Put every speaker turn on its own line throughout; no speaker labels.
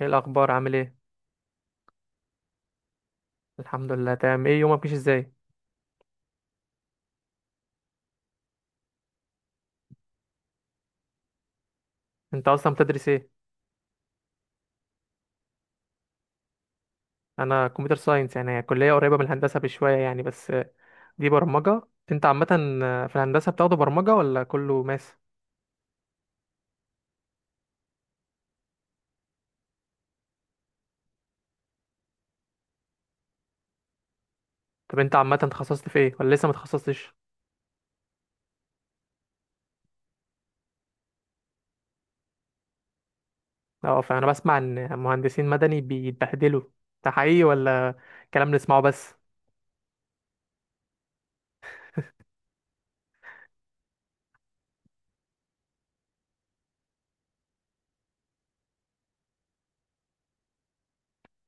ايه الاخبار؟ عامل ايه؟ الحمد لله، تمام. ايه يومك؟ ماشي ازاي؟ انت اصلا بتدرس ايه؟ انا كمبيوتر ساينس، يعني هي كليه قريبه من الهندسه بشويه يعني، بس دي برمجه. انت عامه في الهندسه بتاخده برمجه ولا كله ماس؟ طب انت عامه اتخصصت في ايه ولا لسه ما اتخصصتش؟ اه، فانا بسمع ان مهندسين مدني بيتبهدلوا. ده حقيقي ولا كلام نسمعه بس؟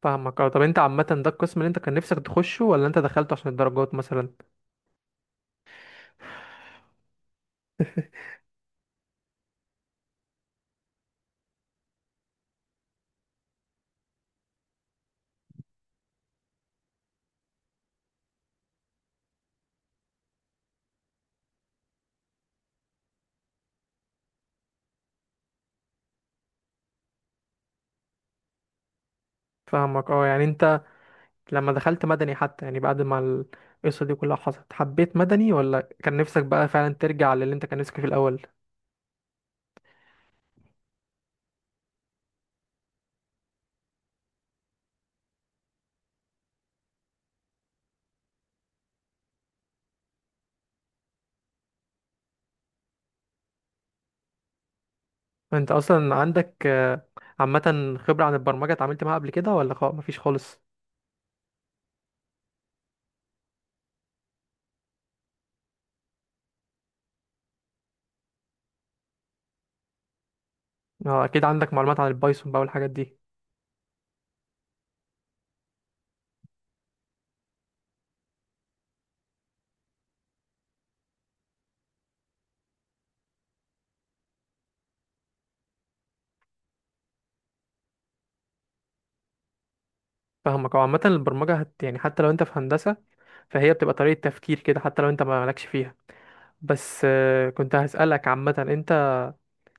فاهمك، اه. طب انت عامه ده القسم اللي انت كان نفسك تخشه ولا انت دخلته عشان الدرجات مثلا؟ فاهمك، اه. يعني انت لما دخلت مدني، حتى يعني بعد ما القصة دي كلها حصلت، حبيت مدني ولا كان نفسك بقى فعلا ترجع للي انت كان نفسك في الأول؟ انت أصلا عندك عامة خبرة عن البرمجة، اتعاملت معاها قبل كده ولا خلاص مفيش خالص؟ اه، أكيد عندك معلومات عن البايثون بقى والحاجات دي. فاهمك، هو عامة البرمجة، هت يعني، حتى لو انت في هندسة فهي بتبقى طريقة تفكير كده حتى لو انت ما مالكش فيها. بس كنت هسألك عامة، انت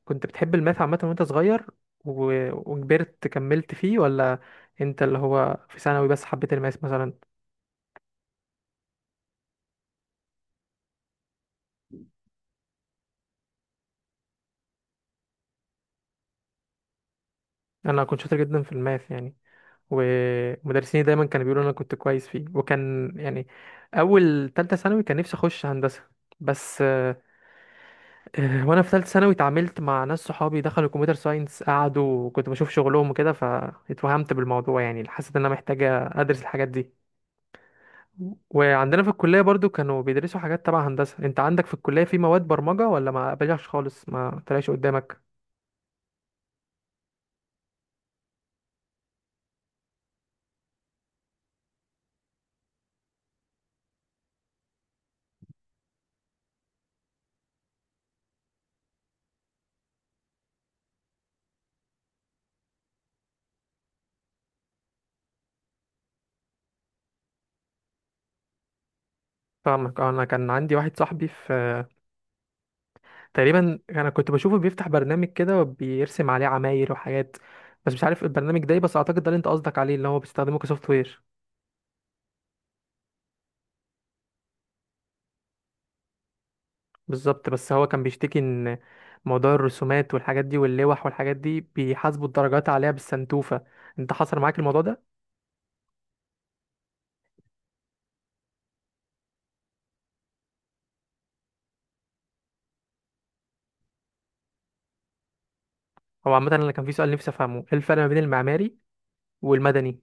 كنت بتحب الماث عامة وانت صغير و... وكبرت كملت فيه ولا انت اللي هو في ثانوي بس حبيت الماث مثلا؟ انا كنت شاطر جدا في الماث يعني، ومدرسيني دايما كانوا بيقولوا انا كنت كويس فيه، وكان يعني اول تالتة ثانوي كان نفسي اخش هندسة بس وانا في ثالثه ثانوي اتعاملت مع ناس صحابي دخلوا كمبيوتر ساينس، قعدوا وكنت بشوف شغلهم وكده فاتوهمت بالموضوع، يعني حسيت ان انا محتاجه ادرس الحاجات دي. وعندنا في الكلية برضو كانوا بيدرسوا حاجات تبع هندسة. انت عندك في الكلية في مواد برمجة ولا ما قابلهاش خالص، ما طلعش قدامك؟ فاهمك، اه، انا كان عندي واحد صاحبي في، تقريبا انا كنت بشوفه بيفتح برنامج كده وبيرسم عليه عماير وحاجات. بس مش عارف البرنامج ده ايه، بس اعتقد ده اللي انت قصدك عليه اللي هو بيستخدمه كسوفت وير. بالظبط، بس هو كان بيشتكي ان موضوع الرسومات والحاجات دي واللوح والحاجات دي بيحاسبوا الدرجات عليها بالسنتوفة. انت حصل معاك الموضوع ده؟ هو عامة انا كان في سؤال نفسي افهمه، ايه الفرق ما بين المعماري والمدني؟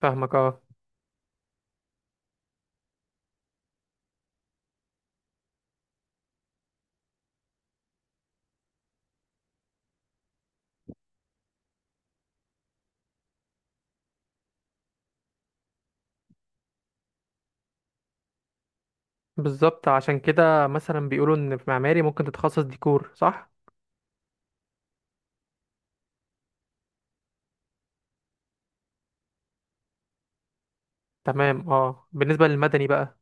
فاهمك، اه. بالظبط، عشان كده مثلا بيقولوا ان في معماري ممكن تتخصص ديكور، صح؟ تمام، اه. بالنسبه للمدني بقى؟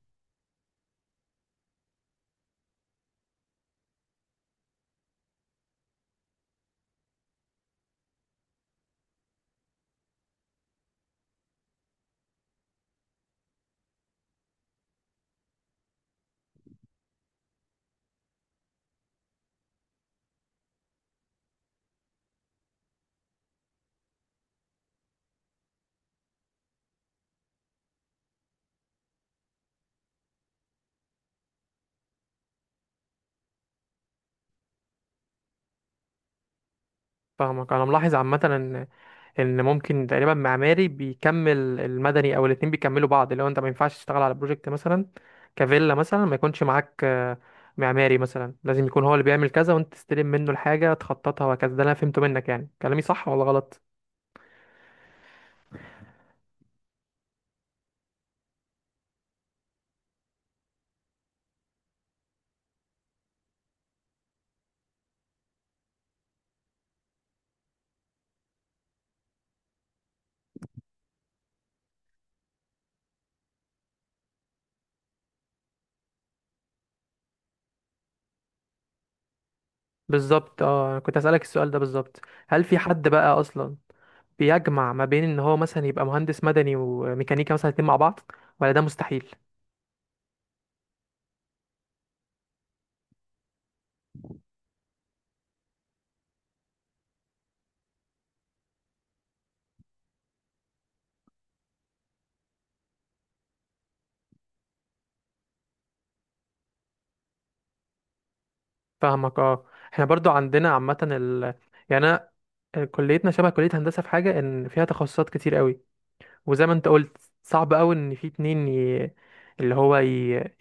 فاهمك، انا ملاحظ عامه ان ممكن تقريبا معماري بيكمل المدني، او الاتنين بيكملوا بعض، لو انت ما ينفعش تشتغل على بروجكت مثلا كفيلا مثلا ما يكونش معاك معماري مثلا، لازم يكون هو اللي بيعمل كذا وانت تستلم منه الحاجه تخططها وهكذا. ده اللي انا فهمته منك، يعني كلامي صح ولا غلط؟ بالظبط، اه. أنا كنت اسالك السؤال ده بالظبط، هل في حد بقى اصلا بيجمع ما بين ان هو مثلا يبقى مهندس مدني وميكانيكا مثلا الاتنين مع بعض ولا ده مستحيل؟ فاهمك، اه. احنا برضو عندنا عامة يعني انا، كليتنا شبه كلية هندسة في حاجة ان فيها تخصصات كتير قوي. وزي ما انت قلت، صعب قوي ان في اتنين اللي هو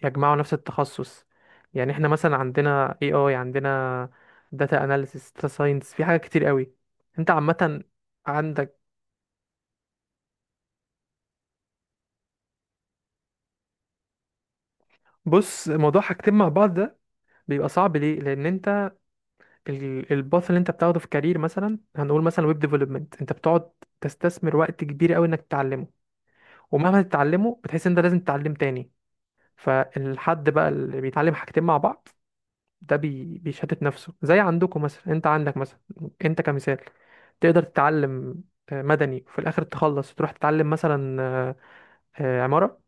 يجمعوا نفس التخصص. يعني احنا مثلا عندنا، اي اي عندنا داتا اناليسيس، داتا ساينس، في حاجات كتير قوي. انت عامة عندك، بص، موضوع حاجتين مع بعض ده بيبقى صعب ليه، لان انت الباث اللي انت بتاخده في كارير، مثلا هنقول مثلا ويب ديفلوبمنت، انت بتقعد تستثمر وقت كبير قوي انك تتعلمه، ومهما تتعلمه بتحس ان انت لازم تتعلم تاني. فالحد بقى اللي بيتعلم حاجتين مع بعض ده بيشتت نفسه. زي عندكم مثلا، انت عندك مثلا، انت كمثال، تقدر تتعلم مدني وفي الاخر تخلص تروح تتعلم مثلا عمارة.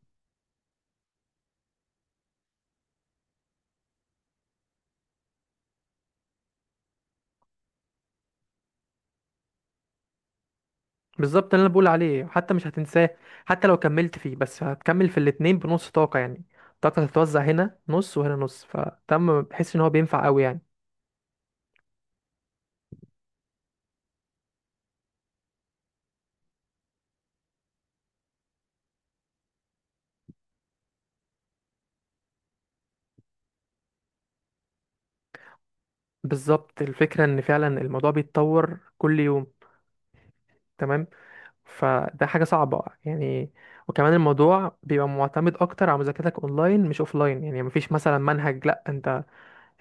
بالظبط، اللي انا بقول عليه حتى مش هتنساه، حتى لو كملت فيه، بس هتكمل في الاتنين بنص طاقة يعني. طاقتك هتتوزع هنا نص وهنا نص، فتم بحس ان هو بينفع قوي يعني. بالظبط، الفكرة ان فعلا الموضوع بيتطور كل يوم، تمام. فده حاجة صعبة يعني، وكمان الموضوع بيبقى معتمد اكتر على مذاكرتك اونلاين مش اوفلاين، يعني مفيش مثلا منهج، لا انت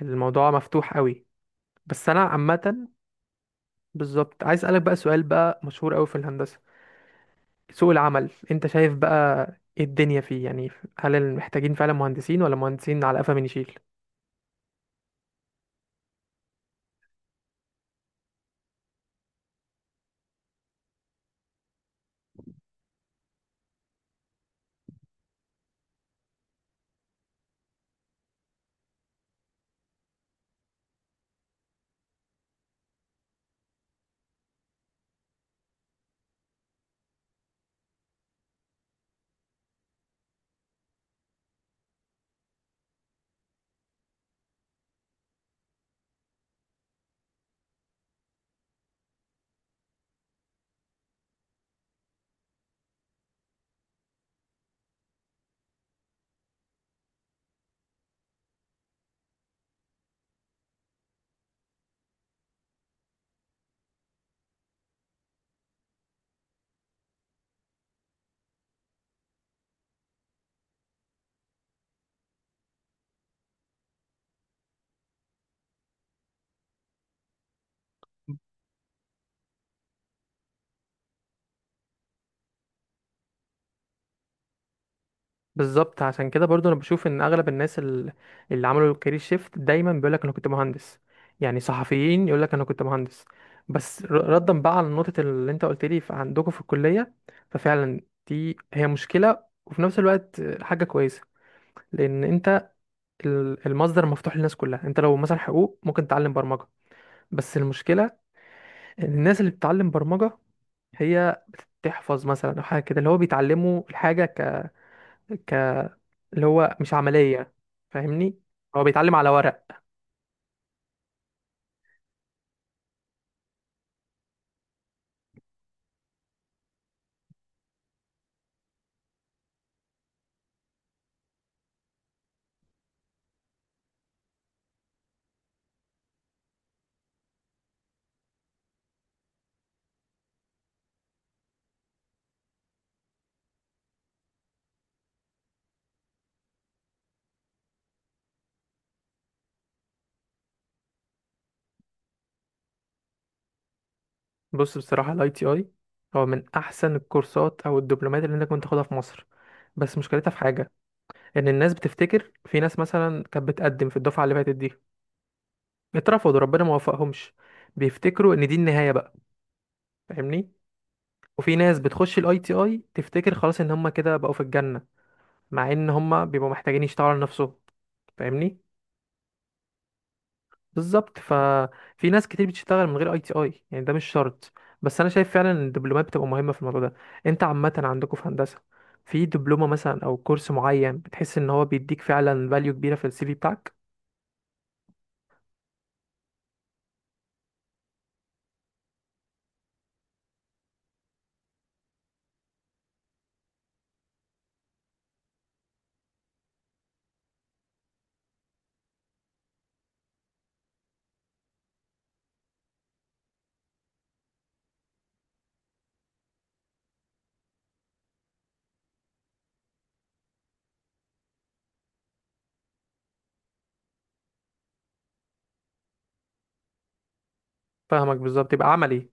الموضوع مفتوح قوي. بس انا عامة، بالظبط، عايز اسألك بقى سؤال بقى مشهور قوي في الهندسة، سوق العمل انت شايف بقى ايه الدنيا فيه يعني؟ هل محتاجين فعلا مهندسين ولا مهندسين على قفا من يشيل؟ بالظبط، عشان كده برضو انا بشوف ان اغلب الناس اللي عملوا الكارير شيفت دايما بيقول لك انا كنت مهندس. يعني صحفيين يقول لك انا كنت مهندس. بس ردا بقى على نقطة اللي انت قلت لي عندكم في الكلية، ففعلا دي هي مشكلة وفي نفس الوقت حاجة كويسة، لان انت المصدر مفتوح للناس كلها. انت لو مثلا حقوق، ممكن تتعلم برمجة، بس المشكلة ان الناس اللي بتتعلم برمجة هي بتحفظ مثلا، او حاجه كده، اللي هو بيتعلموا الحاجه ك... ك اللي هو مش عمليه يعني، فاهمني، هو بيتعلم على ورق. بص بصراحه، الاي تي اي هو من احسن الكورسات او الدبلومات اللي انت كنت تاخدها في مصر. بس مشكلتها في حاجه، ان الناس بتفتكر، في ناس مثلا كانت بتقدم في الدفعه اللي فاتت دي، اترفضوا، ربنا ما وفقهمش، بيفتكروا ان دي النهايه بقى، فاهمني. وفي ناس بتخش الاي تي اي تفتكر خلاص ان هم كده بقوا في الجنه، مع ان هم بيبقوا محتاجين يشتغلوا على نفسهم، فاهمني. بالظبط، ففي ناس كتير بتشتغل من غير اي تي اي، يعني ده مش شرط. بس انا شايف فعلا ان الدبلومات بتبقى مهمه في الموضوع ده. انت عامه عندكم في هندسه، في دبلومه مثلا او كورس معين بتحس ان هو بيديك فعلا فاليو كبيره في السي في بتاعك؟ فاهمك، بالظبط، يبقى عملي.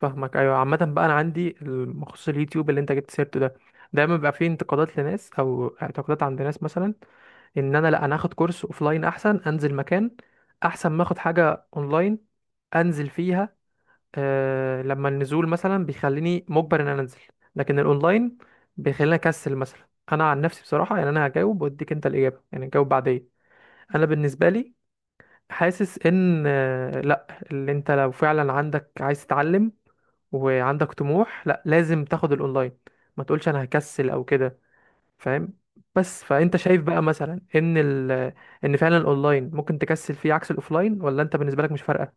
فاهمك، ايوه. عامه بقى انا عندي مخصوص اليوتيوب اللي انت جبت سيرته ده، دايما بيبقى فيه انتقادات لناس او اعتقادات عند ناس مثلا، ان انا لا، انا اخد كورس اوفلاين احسن، انزل مكان، احسن ما اخد حاجه اونلاين انزل فيها. آه، لما النزول مثلا بيخليني مجبر ان انا انزل، لكن الاونلاين بيخليني اكسل مثلا، انا عن نفسي بصراحه، يعني انا هجاوب واديك انت الاجابه، يعني جاوب بعدين. انا بالنسبه لي حاسس ان لا، اللي انت لو فعلا عندك عايز تتعلم وعندك طموح، لا لازم تاخد الاونلاين، ما تقولش انا هكسل او كده، فاهم؟ بس فانت شايف بقى مثلا ان ان فعلا الاونلاين ممكن تكسل فيه عكس الاوفلاين، ولا انت بالنسبه لك مش فارقه؟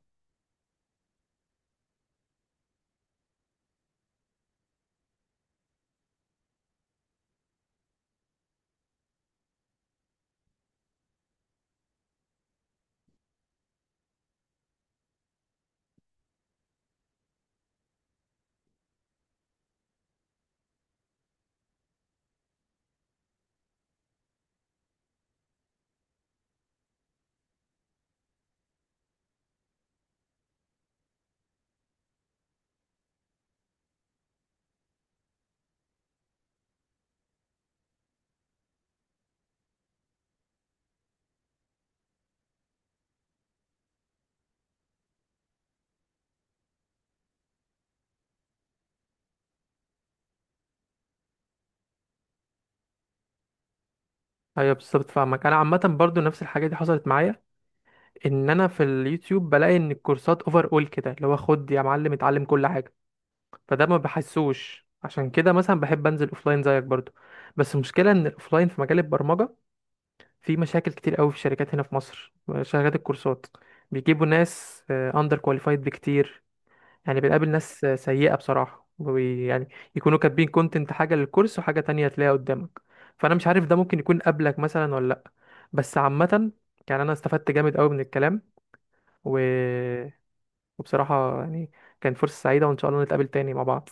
ايوه، بالظبط، فاهمك. انا عامه برضو نفس الحاجه دي حصلت معايا، ان انا في اليوتيوب بلاقي ان الكورسات اوفر اول كده، اللي هو خد يا معلم اتعلم كل حاجه، فده ما بحسوش. عشان كده مثلا بحب انزل اوفلاين زيك برضو. بس المشكله ان الاوفلاين في مجال البرمجه في مشاكل كتير قوي في الشركات هنا في مصر. شركات الكورسات بيجيبوا ناس اندر كواليفايد بكتير، يعني بنقابل ناس سيئه بصراحه، يعني يكونوا كاتبين كونتنت حاجه للكورس وحاجه تانية تلاقيها قدامك. فانا مش عارف ده ممكن يكون قبلك مثلا ولا لا. بس عامه، يعني انا استفدت جامد قوي من الكلام، و وبصراحة يعني كانت فرصة سعيدة، وإن شاء الله نتقابل تاني مع بعض.